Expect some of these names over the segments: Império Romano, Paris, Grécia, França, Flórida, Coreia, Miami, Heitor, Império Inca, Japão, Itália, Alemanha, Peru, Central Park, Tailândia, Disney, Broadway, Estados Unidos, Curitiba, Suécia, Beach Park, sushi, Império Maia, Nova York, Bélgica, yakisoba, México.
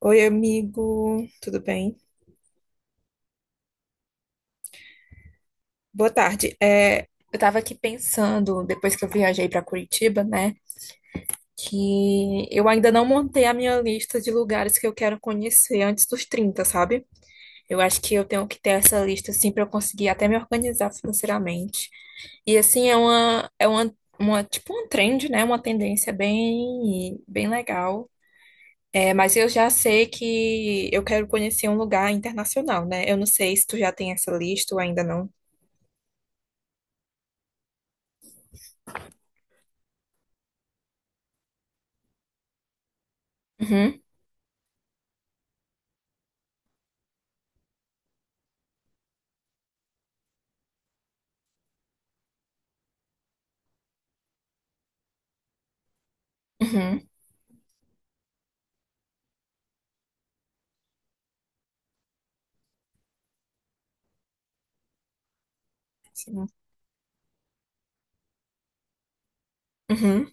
Oi, amigo, tudo bem? Boa tarde. É, eu tava aqui pensando, depois que eu viajei para Curitiba, né, que eu ainda não montei a minha lista de lugares que eu quero conhecer antes dos 30, sabe? Eu acho que eu tenho que ter essa lista, assim, para eu conseguir até me organizar financeiramente. E, assim, tipo, um trend, né, uma tendência bem, bem legal. É, mas eu já sei que eu quero conhecer um lugar internacional, né? Eu não sei se tu já tem essa lista ou ainda não. Uhum, uhum, sim. Uhum,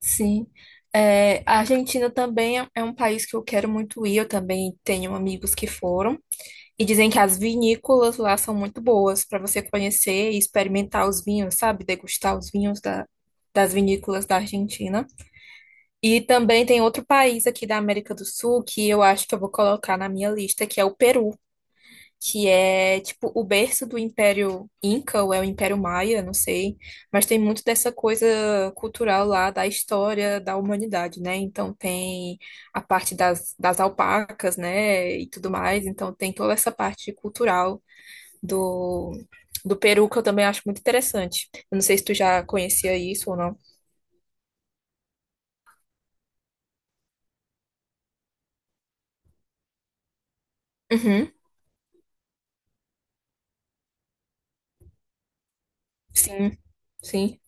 sim. É, a Argentina também é um país que eu quero muito ir. Eu também tenho amigos que foram e dizem que as vinícolas lá são muito boas para você conhecer e experimentar os vinhos, sabe? Degustar os vinhos das vinícolas da Argentina. E também tem outro país aqui da América do Sul que eu acho que eu vou colocar na minha lista, que é o Peru. Que é tipo o berço do Império Inca, ou é o Império Maia, não sei, mas tem muito dessa coisa cultural lá da história da humanidade, né? Então tem a parte das alpacas, né, e tudo mais, então tem toda essa parte cultural do, do Peru que eu também acho muito interessante. Eu não sei se tu já conhecia isso ou não. Uhum, sim, sim.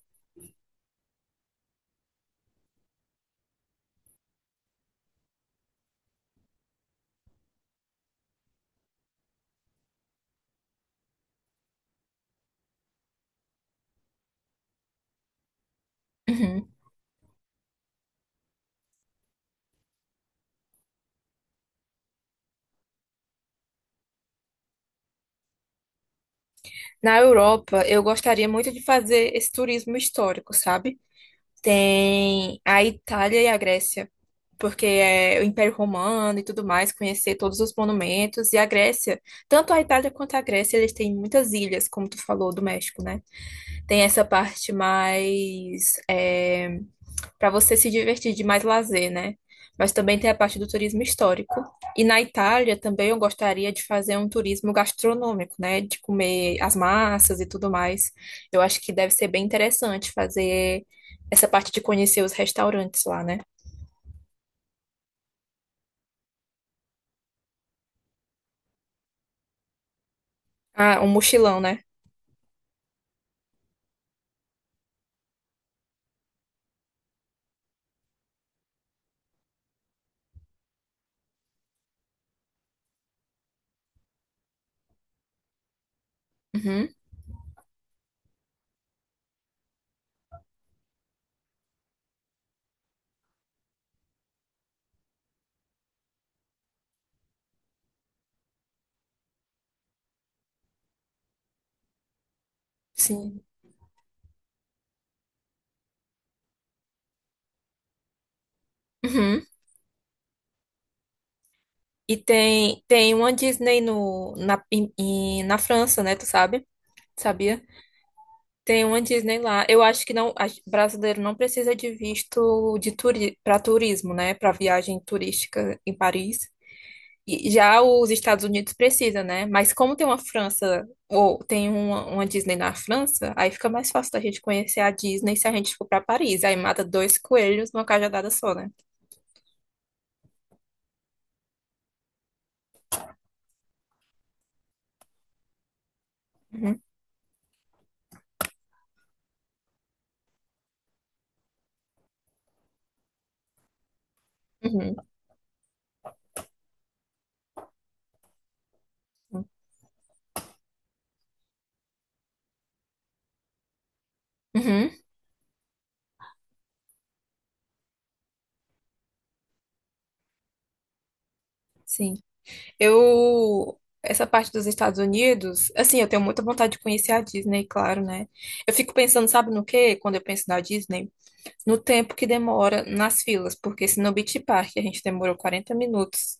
Uhum. Na Europa, eu gostaria muito de fazer esse turismo histórico, sabe? Tem a Itália e a Grécia, porque é o Império Romano e tudo mais, conhecer todos os monumentos. Tanto a Itália quanto a Grécia, eles têm muitas ilhas, como tu falou, do México, né? Tem essa parte mais, para você se divertir de mais lazer, né? Mas também tem a parte do turismo histórico. E na Itália também eu gostaria de fazer um turismo gastronômico, né? De comer as massas e tudo mais. Eu acho que deve ser bem interessante fazer essa parte de conhecer os restaurantes lá, né? Ah, um mochilão, né? Uhum, sim. Uhum. E tem uma Disney no, na, em- em- na França, né? Tu sabe? Sabia? Tem uma Disney lá. Eu acho que não, brasileiro não precisa de visto de para turismo, né? Para viagem turística em Paris. E já os Estados Unidos precisa, né? Mas como tem uma França ou tem uma Disney na França, aí fica mais fácil da gente conhecer a Disney se a gente for para Paris. Aí mata dois coelhos numa cajadada só, né? Uhum, uhum, uhum, sim. Eu, essa parte dos Estados Unidos, assim, eu tenho muita vontade de conhecer a Disney, claro, né? Eu fico pensando, sabe no quê? Quando eu penso na Disney, no tempo que demora nas filas, porque se no Beach Park a gente demorou 40 minutos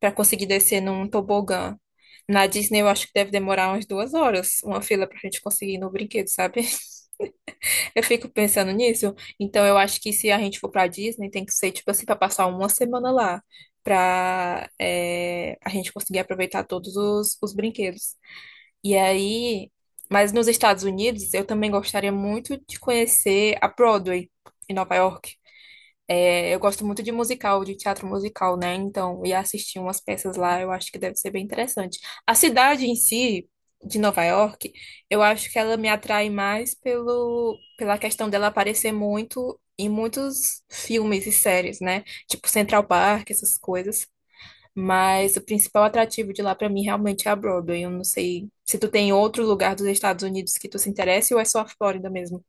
para conseguir descer num tobogã, na Disney eu acho que deve demorar umas 2 horas, uma fila pra gente conseguir ir no brinquedo, sabe? Eu fico pensando nisso, então eu acho que se a gente for pra Disney, tem que ser, tipo assim, pra passar uma semana lá, pra é, a gente conseguir aproveitar todos os brinquedos. E aí, mas nos Estados Unidos, eu também gostaria muito de conhecer a Broadway, em Nova York. É, eu gosto muito de musical, de teatro musical, né? Então, ir assistir umas peças lá, eu acho que deve ser bem interessante. A cidade em si, de Nova York, eu acho que ela me atrai mais pela questão dela aparecer muito em muitos filmes e séries, né? Tipo Central Park, essas coisas. Mas, o principal atrativo de lá pra mim realmente é a Broadway. Eu não sei se tu tem outro lugar dos Estados Unidos que tu se interesse ou é só a Flórida mesmo.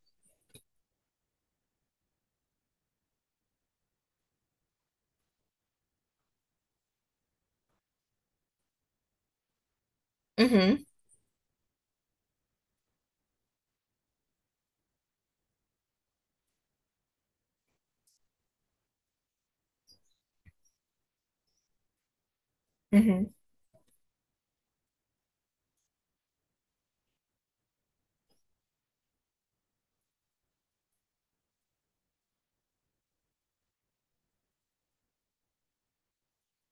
Uhum, uhum.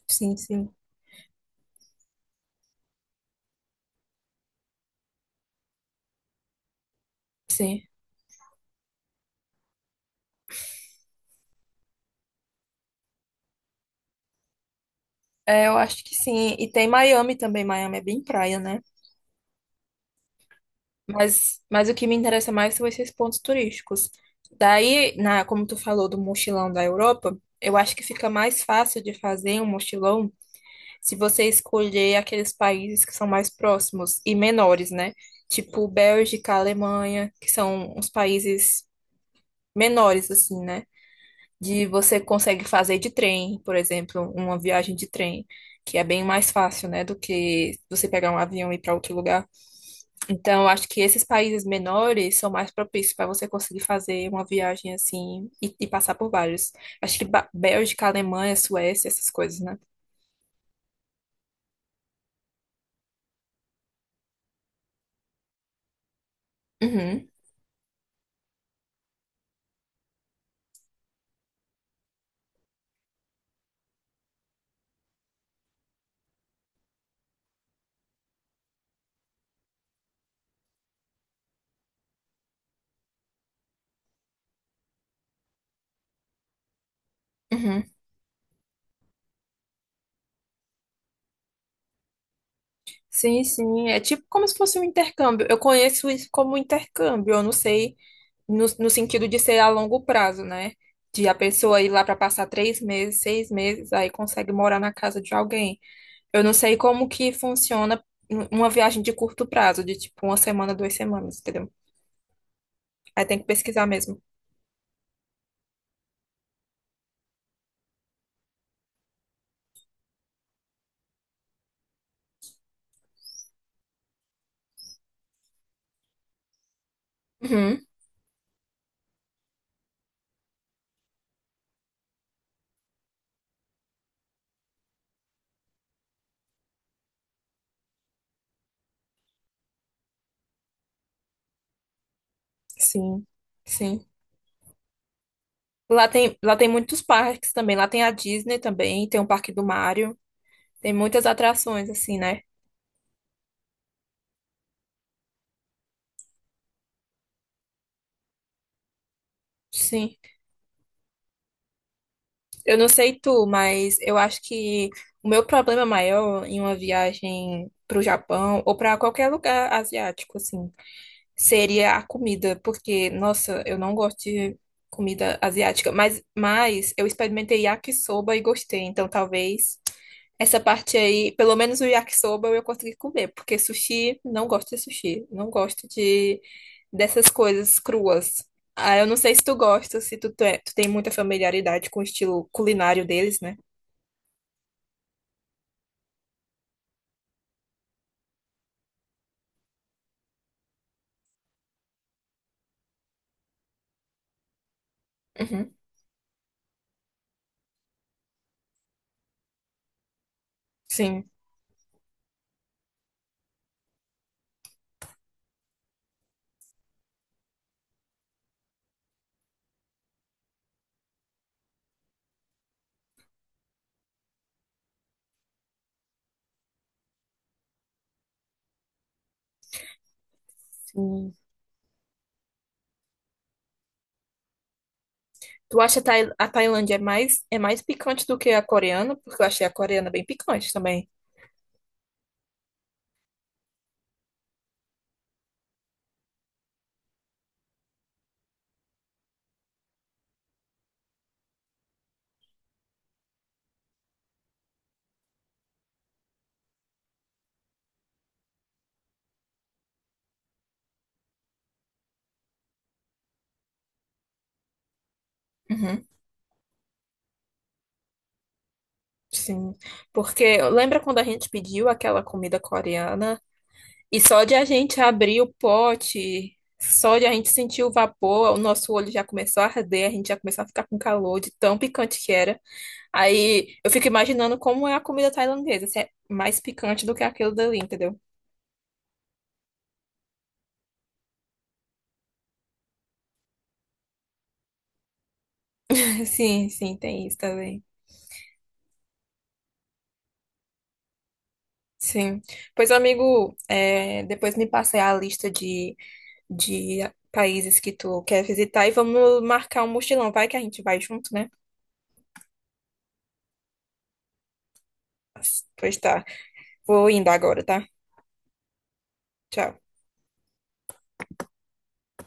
Sim, sim, sim. É, eu acho que sim. E tem Miami também. Miami é bem praia, né? Mas o que me interessa mais são esses pontos turísticos. Daí, como tu falou do mochilão da Europa, eu acho que fica mais fácil de fazer um mochilão se você escolher aqueles países que são mais próximos e menores, né? Tipo Bélgica, Alemanha, que são uns países menores, assim, né? De você consegue fazer de trem, por exemplo, uma viagem de trem, que é bem mais fácil, né, do que você pegar um avião e ir para outro lugar. Então, eu acho que esses países menores são mais propícios para você conseguir fazer uma viagem assim e passar por vários. Acho que Bélgica, Alemanha, Suécia, essas coisas, né? Uhum, uhum. Sim, sim, é tipo como se fosse um intercâmbio. Eu conheço isso como intercâmbio, eu não sei. No sentido de ser a longo prazo, né? De a pessoa ir lá para passar 3 meses, 6 meses, aí consegue morar na casa de alguém. Eu não sei como que funciona uma viagem de curto prazo, de tipo uma semana, 2 semanas, entendeu? Aí tem que pesquisar mesmo. Uhum, sim, sim. Lá tem muitos parques também. Lá tem a Disney também, tem o Parque do Mario. Tem muitas atrações, assim, né? Sim. Eu não sei tu, mas eu acho que o meu problema maior em uma viagem para o Japão ou para qualquer lugar asiático, assim, seria a comida, porque, nossa, eu não gosto de comida asiática, mas eu experimentei yakisoba e gostei, então talvez. Essa parte aí, pelo menos o yakisoba eu consegui comer, porque sushi, não gosto de sushi, não gosto de dessas coisas cruas. Ah, eu não sei se tu gosta, se tu, te- tu tem muita familiaridade com o estilo culinário deles, né? Uhum. Sim, sim. Tu acha a Tailândia é mais picante do que a coreana? Porque eu achei a coreana bem picante também. Uhum, sim. Porque lembra quando a gente pediu aquela comida coreana e só de a gente abrir o pote, só de a gente sentir o vapor, o nosso olho já começou a arder, a gente já começou a ficar com calor de tão picante que era. Aí eu fico imaginando como é a comida tailandesa, se é mais picante do que aquilo dali, entendeu? Sim, sim, tem isso também. Sim. Pois, amigo, é, depois me passei a lista de países que tu quer visitar e vamos marcar um mochilão. Vai que a gente vai junto, né? Pois tá. Vou indo agora, tá? Tchau.